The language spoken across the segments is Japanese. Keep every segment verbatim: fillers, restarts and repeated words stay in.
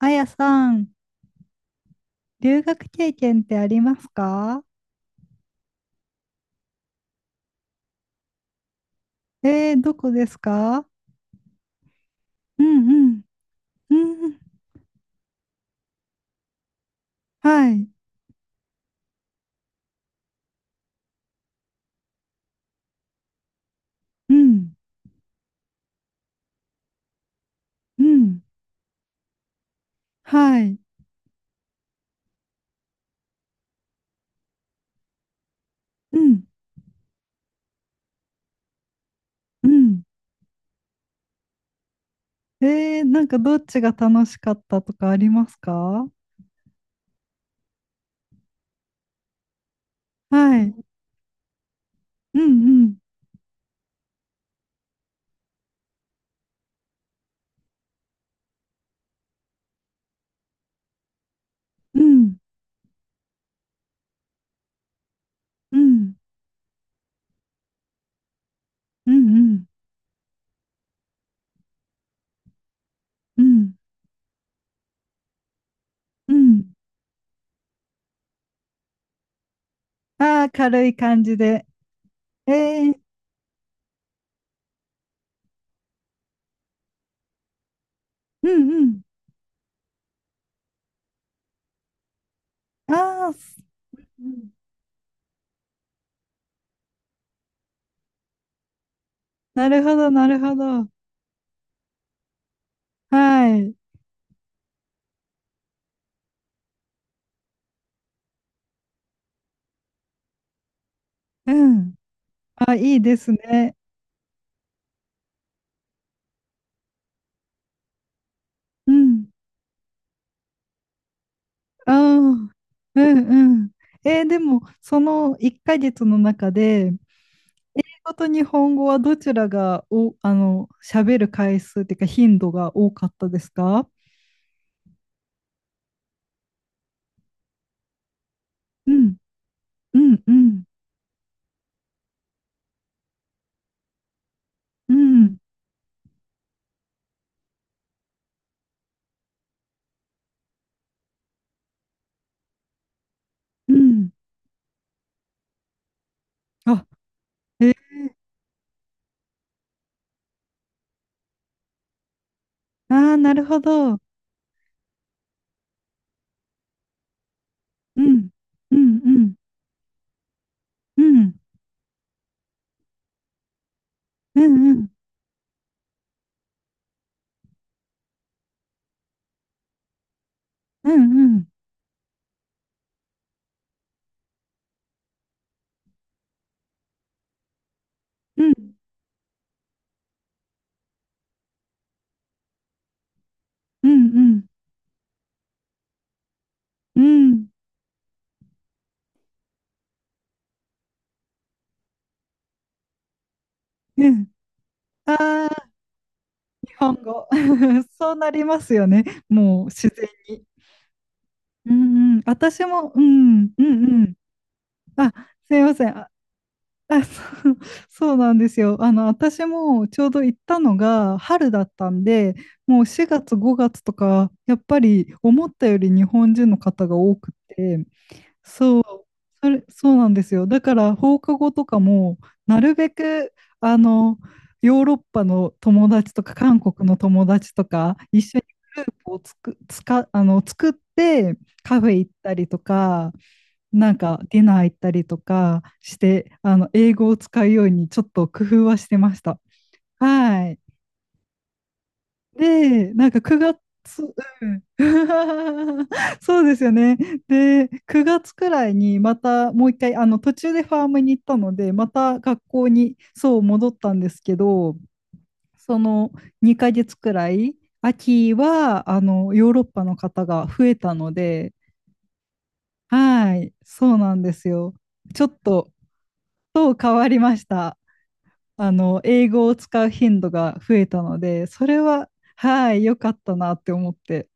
あやさん、留学経験ってありますか？えー、どこですか？うんうん。うんうん。はい。うん。うん。はい。うん。うん。えー、なんかどっちが楽しかったとかありますか？はい。うん。うん。うん。うん。うん。うん。うん。ああー、軽い感じで。えー、うん、うん。ああ、すうんなるほど、なるほど。はい、うん。あ、いいですね。うん。ああ。うんうん。えーでも、そのいっかげつの中で、英語と日本語はどちらがお、あの、喋る回数っていうか頻度が多かったですか？うん、うん、うん、うん、うん。あ、え、ああ、なるほど。うん、うん、うん、うん、うん、うん、うん、うん、うん、うん、うん、うん。ああー、日本語。そうなりますよね。もう自然に。うんうん、私も、うん、うんうん。あ、すいません。あ、あ、そう、そうなんですよ。あの、私もちょうど行ったのが春だったんで、もうしがつ、ごがつとか、やっぱり思ったより日本人の方が多くて、そう、それ、そうなんですよ。だから放課後とかも、なるべく、あの、ヨーロッパの友達とか、韓国の友達とか、一緒にグループをつく、つか、あの、作って、カフェ行ったりとか、なんかディナー行ったりとかして、あの、英語を使うようにちょっと工夫はしてました。はい。で、なんかくがつ、うん。そうですよね。で、くがつくらいにまたもう一回、あの途中でファームに行ったので、また学校にそう戻ったんですけど、そのにかげつくらい、秋はあのヨーロッパの方が増えたので、はい、そうなんですよ。ちょっと、と変わりました。あの英語を使う頻度が増えたので、それは、はい、良かったなって思って。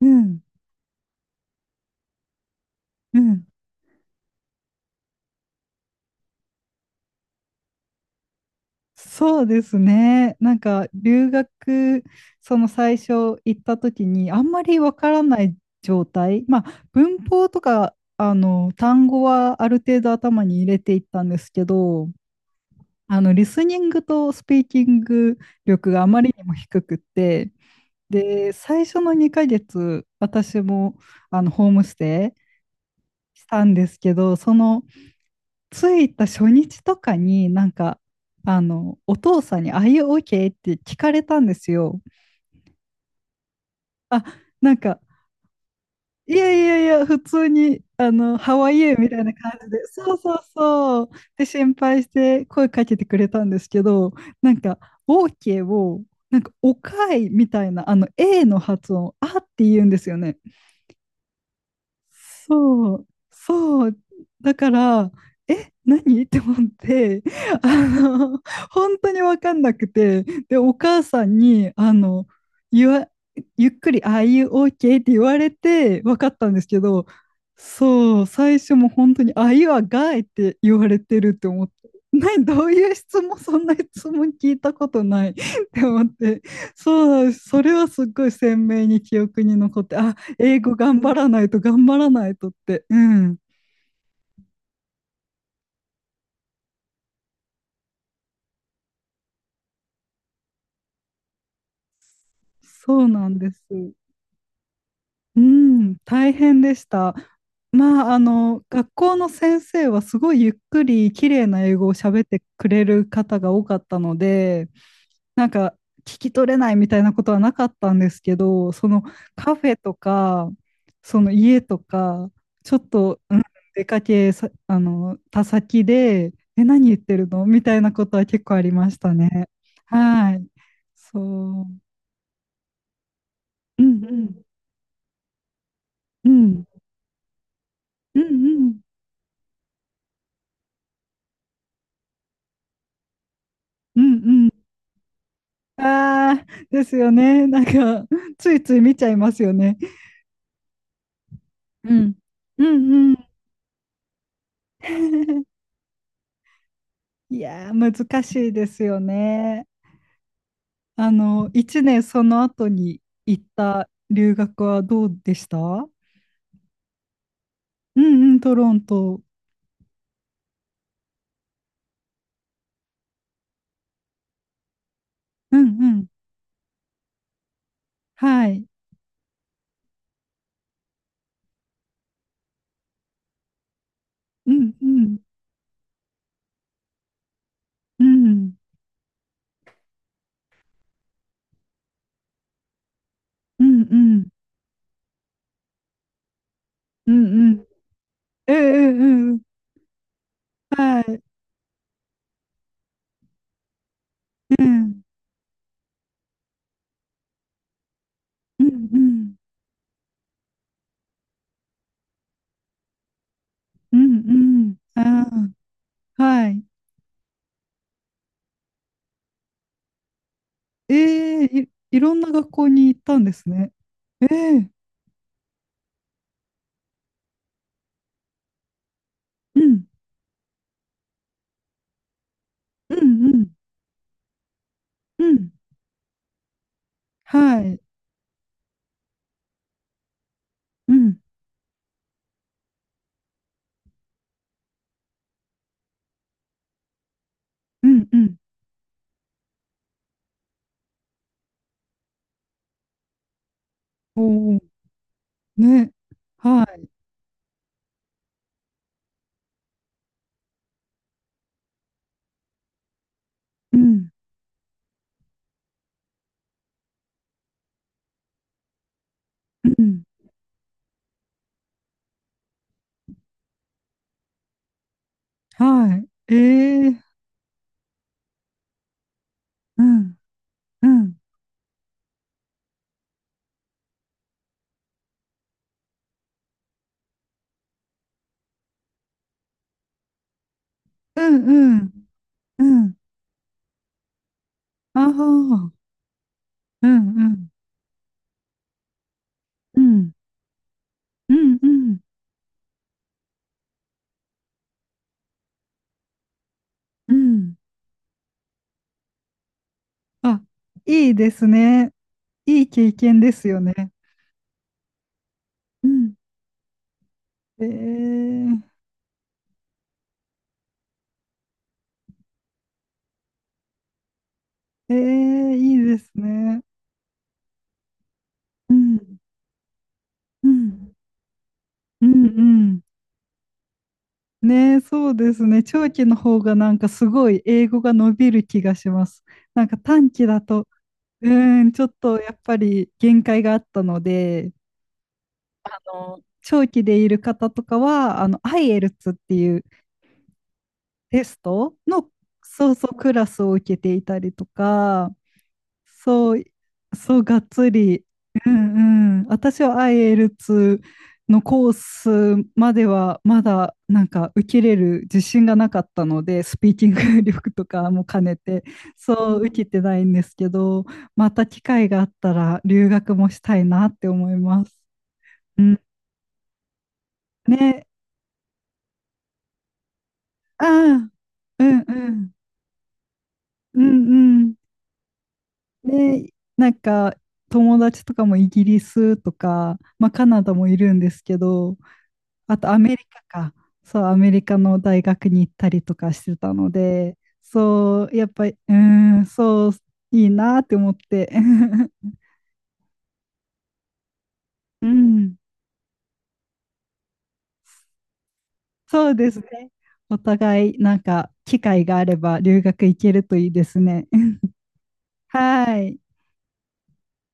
うんうん、そうですね。なんか留学、その最初行った時にあんまりわからない状態、まあ文法とかあの単語はある程度頭に入れていったんですけど、あのリスニングとスピーキング力があまりにも低くって、で、最初のにかげつ、私もあのホームステイしたんですけど、その着いた初日とかになんか、あの、お父さんに、あい y OK? って聞かれたんですよ。あ、なんか、いやいやいや、普通に、あの、ハワイへみたいな感じで、そうそうそう。で、心配して声かけてくれたんですけど、なんか、OK を、なんか、おかいみたいな、あの、A の発音、あって言うんですよね。そう、そう。だから、え、何 って思って、あの、本当に分かんなくて、で、お母さんに、あの、言わ、ゆっくり、ああいう OK って言われて分かったんですけど、そう、最初も本当に、ああいうはガイって言われてるって思って、何、どういう質問、そんな質問聞いたことないって思って、そう、それはすっごい鮮明に記憶に残って、あ、英語頑張らないと頑張らないとって、うん、そうなんです。うん、大変でした。まあ、あの、学校の先生はすごいゆっくり綺麗な英語を喋ってくれる方が多かったので、なんか聞き取れないみたいなことはなかったんですけど、そのカフェとか、その家とか、ちょっと、うん、出かけさ、あの、た先で、え、何言ってるのみたいなことは結構ありましたね。はい。そう。うんうん。うん。うんうん。うんうん。ああ、ですよね。なんか、ついつい見ちゃいますよね。うん。うんうん。いやー、難しいですよね。あの、いちねんその後に行った留学はどうでした？うんうん、トロント。うんうん。はい。うんうん。うん。うんうん。うんうん。うんうんうん。はい。うん。うんうん。うんうん。ああ、はい。ええい、いろんな学校に行ったんですね。ええ、うん、うん、うん、うん、はい、うん、うん、うん、おお、ね、はい、うん、うん、はい、ええ、うん、うん、うん、うん、うん、ああ、うん、うん、うん、うん、うん、うん、あ、いいですね。いい経験ですよね。うん、ええええいいですね。うん、うん。うんうん。ねえ、そうですね。長期の方がなんかすごい英語が伸びる気がします。なんか短期だと、うーん、ちょっとやっぱり限界があったので、あの長期でいる方とかは、あの、アイエルツ っていうテストの、そうそう、クラスを受けていたりとか、そう、そう、がっつり。うんうん。私は i l ツーのコースまではまだなんか受けれる自信がなかったので、スピーキング力とかも兼ねて、そう、受けてないんですけど、また機会があったら留学もしたいなって思います。うん。ね。ああ、うんうん。うんうん。で、なんか友達とかもイギリスとか、まあ、カナダもいるんですけど、あとアメリカか。そう、アメリカの大学に行ったりとかしてたので、そう、やっぱり、うん、そう、いいなって思って。うん、そうですね。お互い、なんか、機会があれば留学行けるといいですね。はい。